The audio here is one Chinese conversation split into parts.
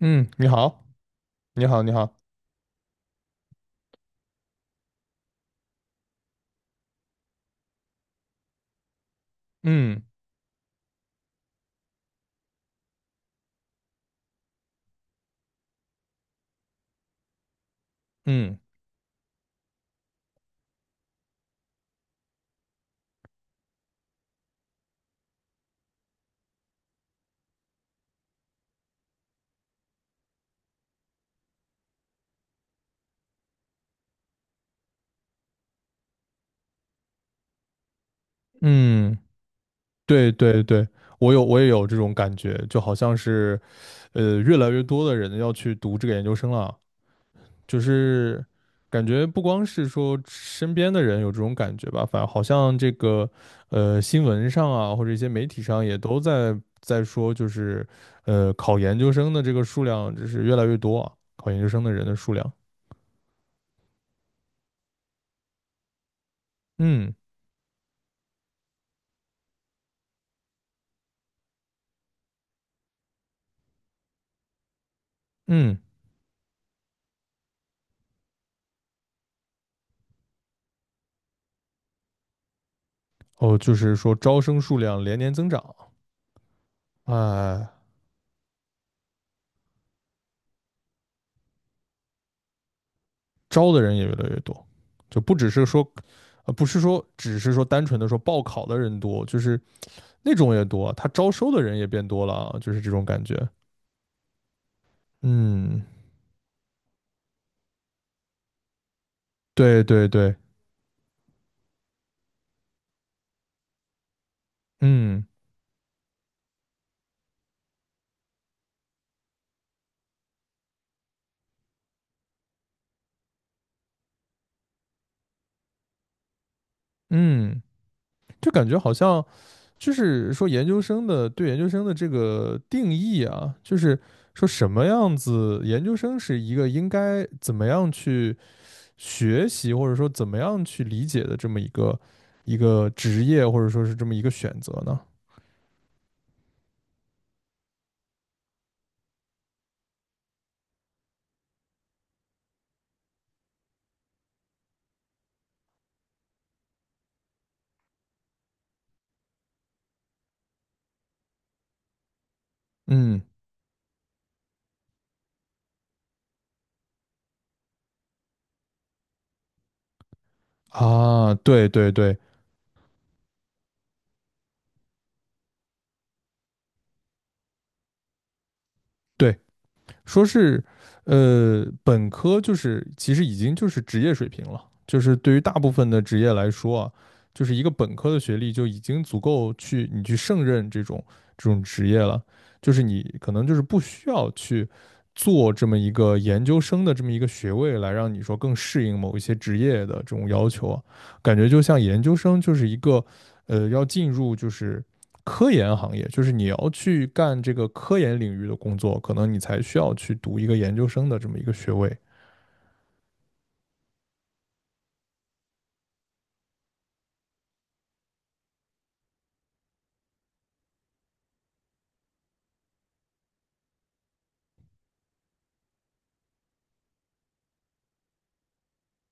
嗯，你好，你好，你好，嗯嗯嗯，对对对，我也有这种感觉，就好像是越来越多的人要去读这个研究生了，就是感觉不光是说身边的人有这种感觉吧，反正好像这个新闻上啊，或者一些媒体上也都在说，就是考研究生的这个数量就是越来越多啊，考研究生的人的数量，嗯嗯，哦，就是说招生数量连年增长。呃，招的人也越来越多，就不只是说，不是说只是说单纯的说报考的人多，就是那种也多啊，他招收的人也变多了啊，就是这种感觉。嗯，对对对，嗯嗯，就感觉好像就是说研究生的对研究生的这个定义啊，就是说什么样子研究生是一个应该怎么样去学习，或者说怎么样去理解的这么一个职业，或者说是这么一个选择呢？嗯啊，对对对对，说是本科就是其实已经就是职业水平了，就是对于大部分的职业来说啊，就是一个本科的学历就已经足够去你去胜任这种职业了，就是你可能就是不需要去做这么一个研究生的这么一个学位来让你说更适应某一些职业的这种要求啊，感觉就像研究生就是一个要进入就是，科研行业，就是你要去干这个科研领域的工作，可能你才需要去读一个研究生的这么一个学位。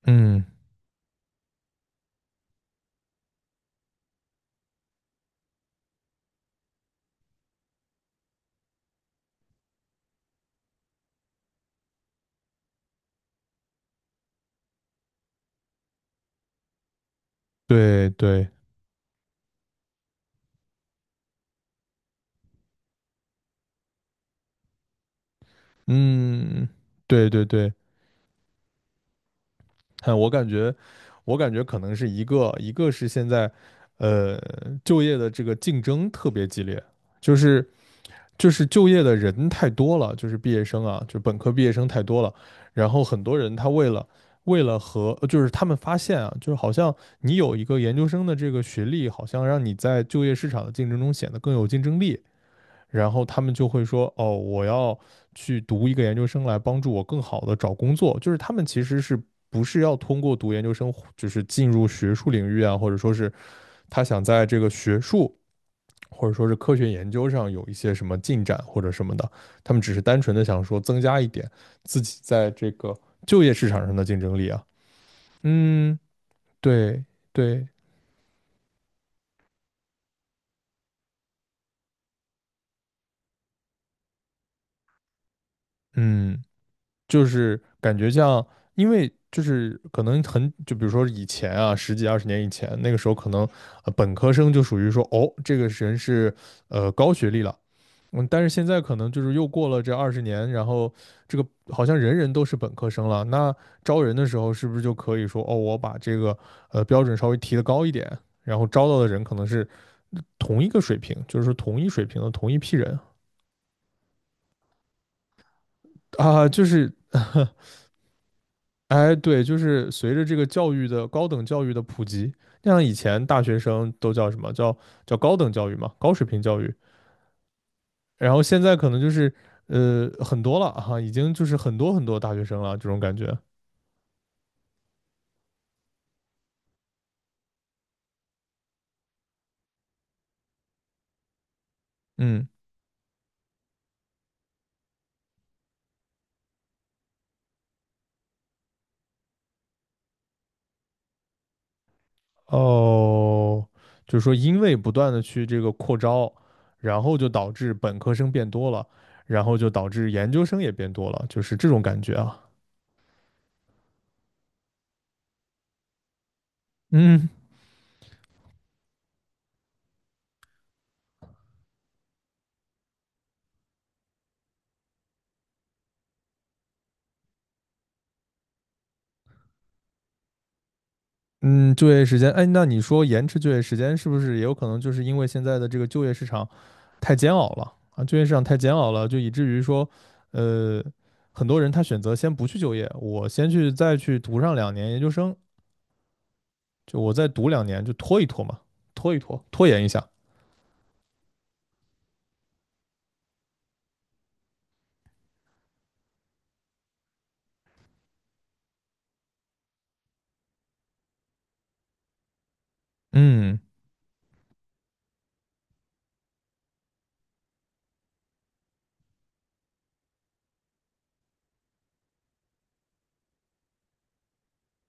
嗯，对对，嗯，对对对，嗯，我感觉可能是一个是现在，呃，就业的这个竞争特别激烈，就是就是就业的人太多了，就是毕业生啊，就本科毕业生太多了，然后很多人他为了就是他们发现啊，就是好像你有一个研究生的这个学历，好像让你在就业市场的竞争中显得更有竞争力，然后他们就会说哦，我要去读一个研究生来帮助我更好的找工作，就是他们其实是不是要通过读研究生，就是进入学术领域啊，或者说是他想在这个学术或者说是科学研究上有一些什么进展或者什么的，他们只是单纯的想说增加一点自己在这个就业市场上的竞争力啊。嗯，对对，嗯，就是感觉像，因为就是可能很，就比如说以前啊，十几二十年以前，那个时候可能本科生就属于说，哦，这个人是高学历了，嗯，但是现在可能就是又过了这二十年，然后这个好像人人都是本科生了。那招人的时候，是不是就可以说，哦，我把这个标准稍微提得高一点，然后招到的人可能是同一个水平，就是说同一水平的同一批人啊，就是，哎，对，就是随着这个教育的高等教育的普及，像以前大学生都叫什么叫高等教育嘛，高水平教育，然后现在可能就是很多了哈，已经就是很多很多大学生了这种感觉。嗯，哦，就是说因为不断的去这个扩招，然后就导致本科生变多了，然后就导致研究生也变多了，就是这种感觉啊。嗯嗯，就业时间，哎，那你说延迟就业时间是不是也有可能就是因为现在的这个就业市场太煎熬了啊，就业市场太煎熬了，就以至于说，呃，很多人他选择先不去就业，我先去再去读上两年研究生，就我再读两年，就拖一拖嘛，拖一拖，拖延一下。嗯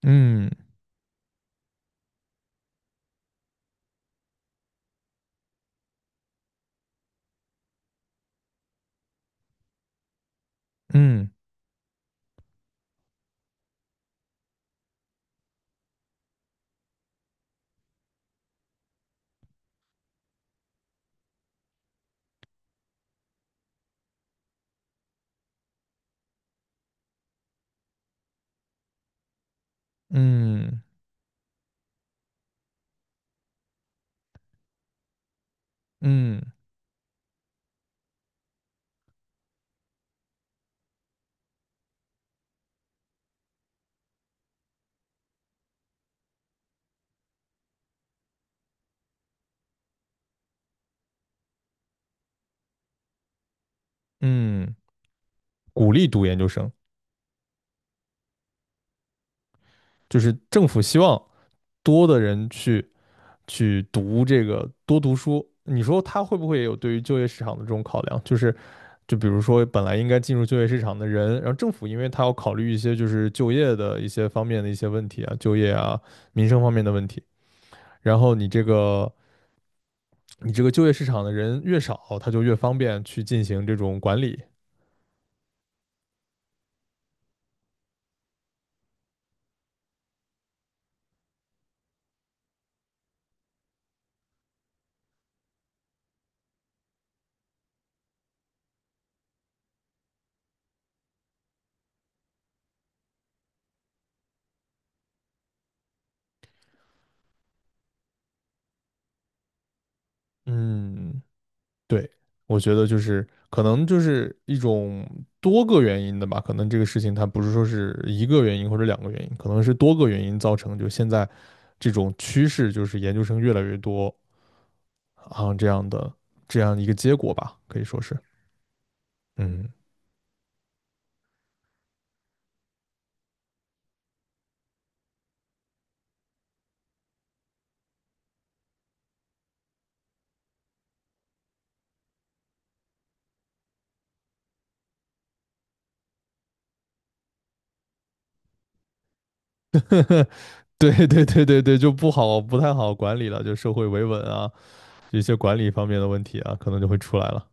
嗯嗯嗯嗯嗯，鼓励读研究生，就是政府希望多的人去读这个多读书，你说他会不会也有对于就业市场的这种考量？就是比如说本来应该进入就业市场的人，然后政府因为他要考虑一些就是就业的一些方面的一些问题啊，就业啊、民生方面的问题，然后你这个就业市场的人越少，他就越方便去进行这种管理。嗯，对，我觉得就是可能就是一种多个原因的吧，可能这个事情它不是说是一个原因或者两个原因，可能是多个原因造成，就现在这种趋势就是研究生越来越多啊这样一个结果吧，可以说是，嗯，对对对对对，就不太好管理了，就社会维稳啊，一些管理方面的问题啊，可能就会出来了，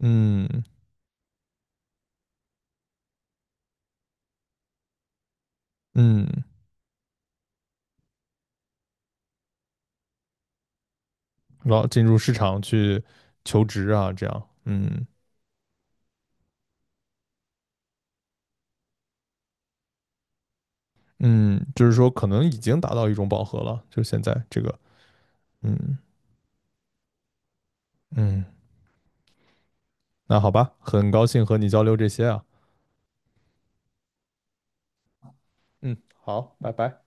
嗯嗯，然后进入市场去求职啊，这样，嗯。嗯，就是说可能已经达到一种饱和了，就现在这个，嗯嗯，那好吧，很高兴和你交流这些啊，嗯，好，拜拜。